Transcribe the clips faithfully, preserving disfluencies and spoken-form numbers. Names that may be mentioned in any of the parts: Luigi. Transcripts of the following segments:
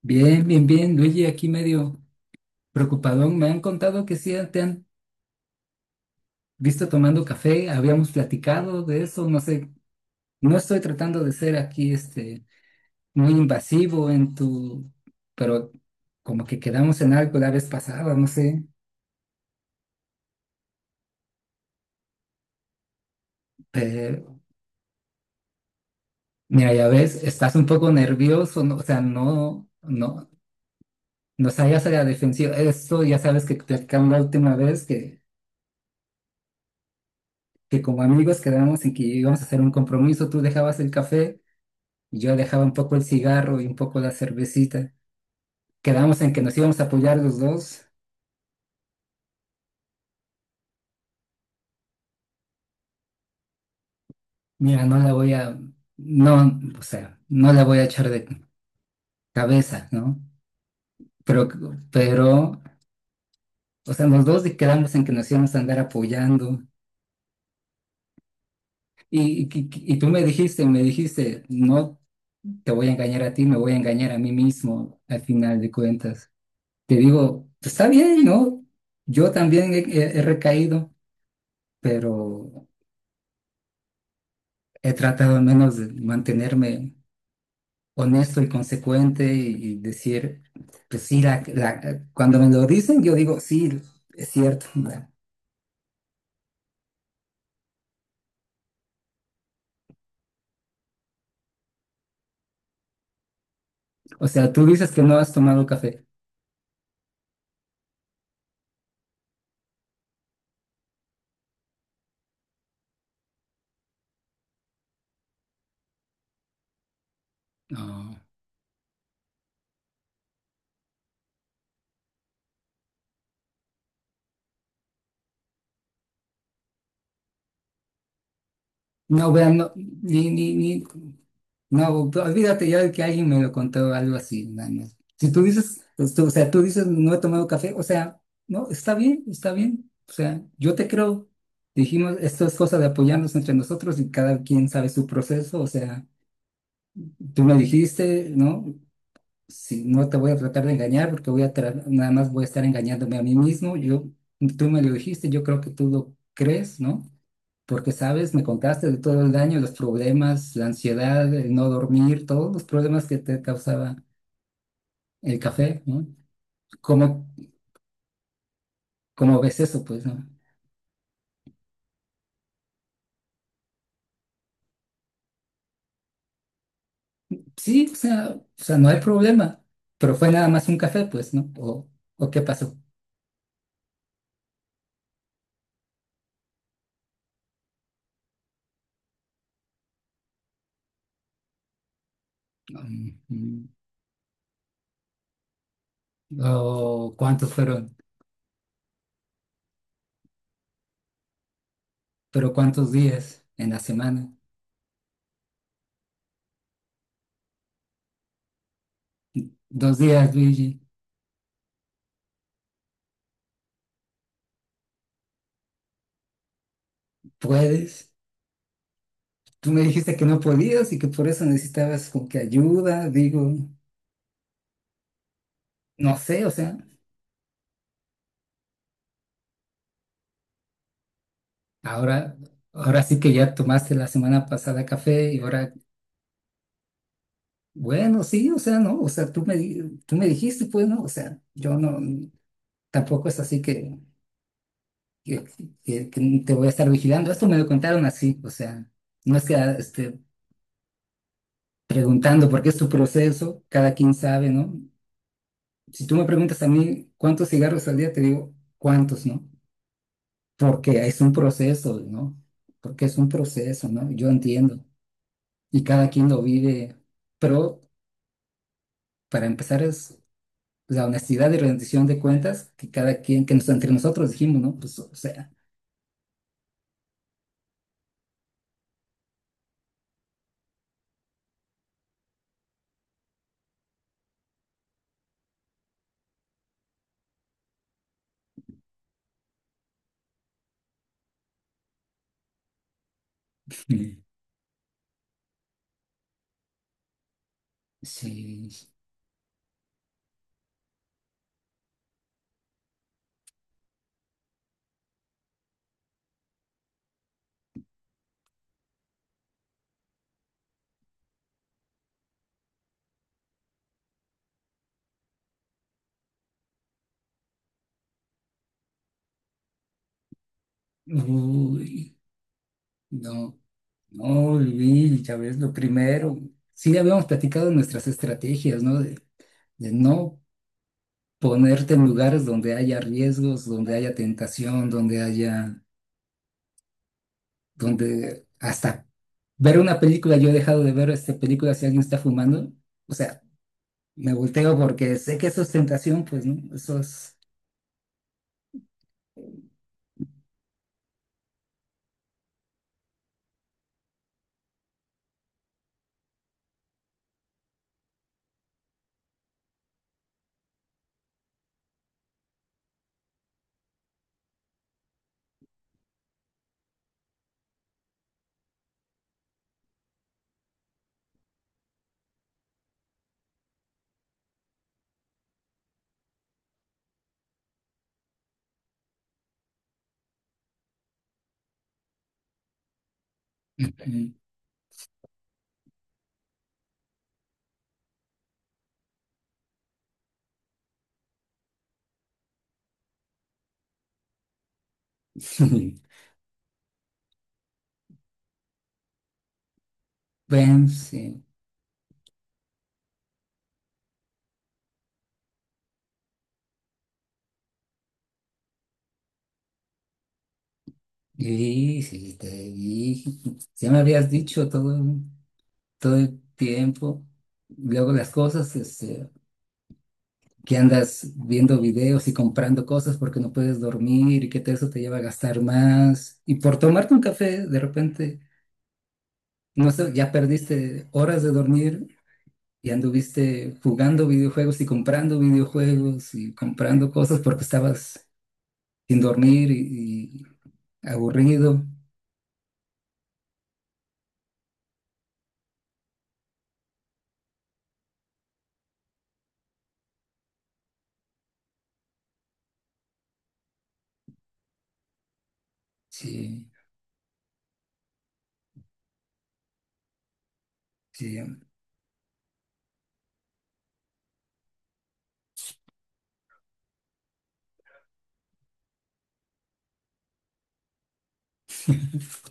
Bien, bien, bien, Luigi, aquí medio preocupadón. Me han contado que sí te han visto tomando café, habíamos platicado de eso, no sé, no estoy tratando de ser aquí este muy invasivo en tu, pero como que quedamos en algo la vez pasada, no sé. Te- Mira, ya ves, estás un poco nervioso, no, o sea, no, no, no hayas a la defensiva. Esto ya sabes que platicamos la última vez que, que como amigos quedamos en que íbamos a hacer un compromiso, tú dejabas el café. Yo dejaba un poco el cigarro y un poco la cervecita. Quedamos en que nos íbamos a apoyar los dos. Mira, no la voy a, no, o sea, no la voy a echar de cabeza, ¿no? Pero, pero, o sea, los dos quedamos en que nos íbamos a andar apoyando. Y, y, y tú me dijiste, me dijiste, no te voy a engañar a ti, me voy a engañar a mí mismo al final de cuentas. Te digo, "Pues está bien, ¿no? Yo también he he- he recaído, pero he tratado al menos de mantenerme honesto y consecuente y, y decir, pues sí, la, la- cuando me lo dicen, yo digo, sí, es cierto. O sea, tú dices que no has tomado café. No, no, vean, no, ni, ni, ni, no, olvídate ya de que alguien me lo contó algo así. Nada más. Si tú dices, pues, tú- o sea, tú dices, no he tomado café, o sea, no, está bien, está bien. O sea, yo te creo. Dijimos, esto es cosa de apoyarnos entre nosotros y cada quien sabe su proceso, o sea. Tú me dijiste, ¿no? Si no te voy a tratar de engañar porque voy a tra- nada más voy a estar engañándome a mí mismo. Yo, tú me lo dijiste, yo creo que tú lo crees, ¿no? Porque, sabes, me contaste de todo el daño, los problemas, la ansiedad, el no dormir, todos los problemas que te causaba el café, ¿no? ¿Cómo, cómo ves eso, pues, no? Sí, o sea, o sea, no hay problema, pero fue nada más un café, pues, ¿no? ¿O, o qué pasó? Mm, mm. ¿O cuántos fueron? Pero ¿cuántos días en la semana? Dos días, Luigi. ¿Puedes? Tú me dijiste que no podías y que por eso necesitabas como que ayuda, digo, no sé, o sea, ahora, ahora sí que ya tomaste la semana pasada café y ahora, bueno, sí, o sea, no, o sea, tú me, di- tú me dijiste, pues, no, o sea, yo no, tampoco es así que, que, que- que te voy a estar vigilando. Esto me lo contaron así, o sea, no es que, ah, este, preguntando porque es tu proceso, cada quien sabe, ¿no? Si tú me preguntas a mí cuántos cigarros al día, te digo cuántos, ¿no? Porque es un proceso, ¿no? Porque es un proceso, ¿no? Yo entiendo. Y cada quien lo vive. Pero para empezar es la honestidad y rendición de cuentas que cada quien, que nos, entre nosotros dijimos, ¿no? Pues, o sea, Mm. sí. Uy, no, no, Luis, ya ves, lo primero. Sí, habíamos platicado nuestras estrategias, ¿no? De, de no ponerte en lugares donde haya riesgos, donde haya tentación, donde haya, donde hasta ver una película, yo he dejado de ver esta película si alguien está fumando, o sea, me volteo porque sé que eso es tentación, pues, ¿no? Eso es... Bueno, sí. Y sí, te dije, ya me habías dicho todo, todo el tiempo. Luego las cosas, este, que andas viendo videos y comprando cosas porque no puedes dormir y que te- eso te lleva a gastar más. Y por tomarte un café, de repente, no sé, ya perdiste horas de dormir y anduviste jugando videojuegos y comprando videojuegos y comprando cosas porque estabas sin dormir y, y aburrido. Sí, sí,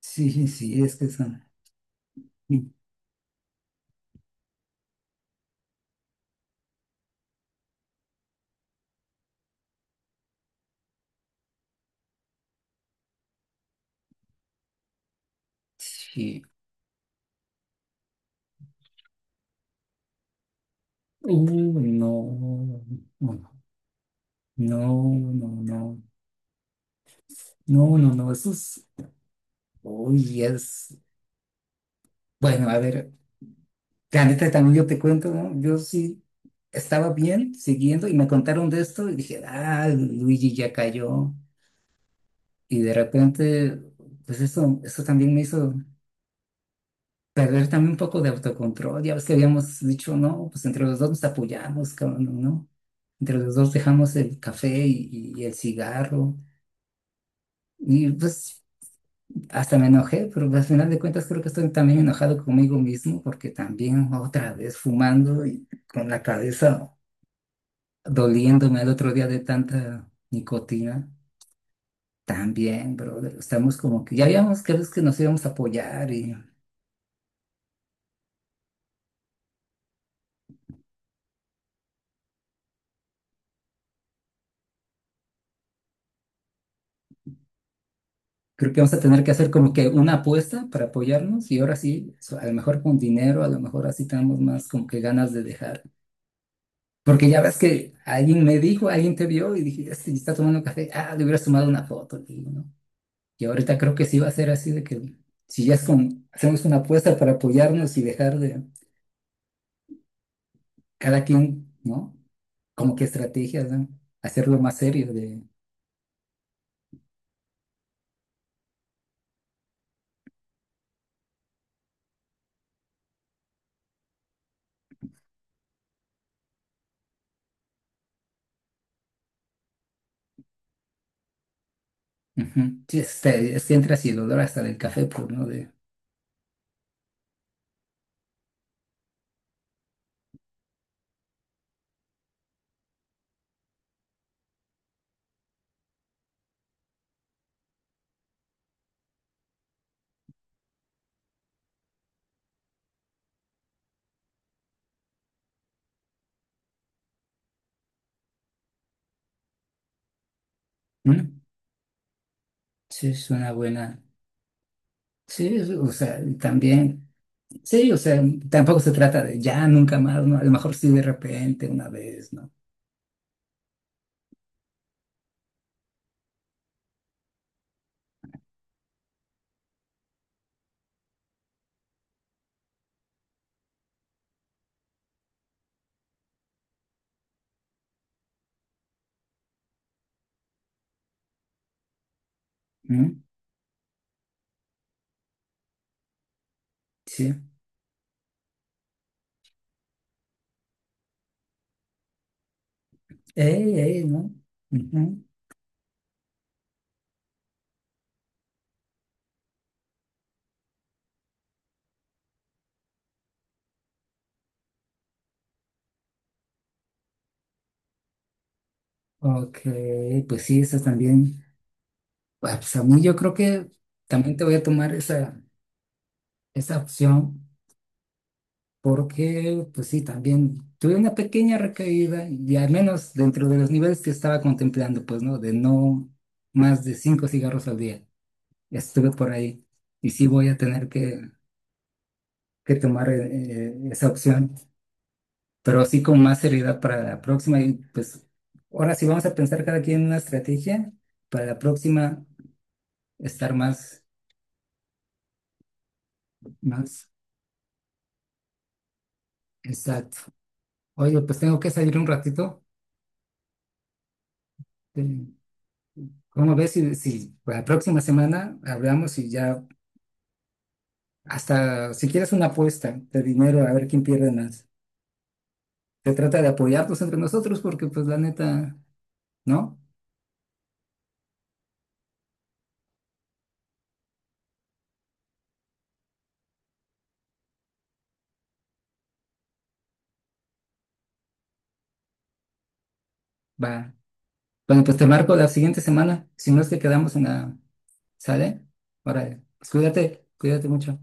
sí, sí, es que son... Sí. Uh, no, no, no, no, no, no, no, no, no, eso es... Uy, es, bueno, a ver, la también yo te cuento, ¿no? Yo sí estaba bien siguiendo y me contaron de esto y dije, ah, Luigi ya cayó. Y de repente, pues eso, eso también me hizo perder también un poco de autocontrol. Ya ves que habíamos dicho, no, pues entre los dos nos apoyamos, cabrón, ¿no? Entre los dos dejamos el café y, y el cigarro. Y pues hasta me enojé, pero al final de cuentas creo que estoy también enojado conmigo mismo porque también otra vez fumando y con la cabeza doliéndome el otro día de tanta nicotina. También, brother, estamos como que ya habíamos creído que nos íbamos a apoyar y creo que vamos a tener que hacer como que una apuesta para apoyarnos y ahora sí, so- a lo mejor con dinero, a lo mejor así tenemos más como que ganas de dejar. Porque ya ves que alguien me dijo, alguien te vio y dije, este está tomando café, ah, le hubieras tomado una foto, le digo, ¿no? Y ahorita creo que sí va a ser así de que si ya es con, hacemos una apuesta para apoyarnos y dejar de cada quien, ¿no? Como que estrategias, ¿no? Hacerlo más serio de... Ujú. Sí, este, este entras y el olor hasta del café, pues, ¿no? De, ¿mm? Sí, es una buena... Sí, es- o sea, y también... Sí, o sea, tampoco se trata de ya, nunca más, ¿no? A lo mejor sí de repente, una vez, ¿no? ¿Mm? Sí. Ey, ey, ¿no? Ujú. Ok, pues sí, eso también. Ah, Pues a mí yo creo que también te voy a tomar esa, esa opción porque, pues sí, también tuve una pequeña recaída y al menos dentro de los niveles que estaba contemplando, pues no, de no más de cinco cigarros al día. Estuve por ahí y sí voy a tener que, que tomar eh, esa opción, pero así con más seriedad para la próxima y pues ahora sí vamos a pensar cada quien una estrategia para la próxima estar más, más exacto. Oye, pues tengo que salir un ratito. Eh, ¿Cómo ves si, si la próxima semana hablamos y ya hasta si quieres una apuesta de dinero a ver quién pierde más? Se trata de apoyarnos entre nosotros porque pues la neta, ¿no? Va. Bueno, pues te marco la siguiente semana. Si no es que quedamos en la... ¿Sale? Órale. Pues cuídate, cuídate mucho.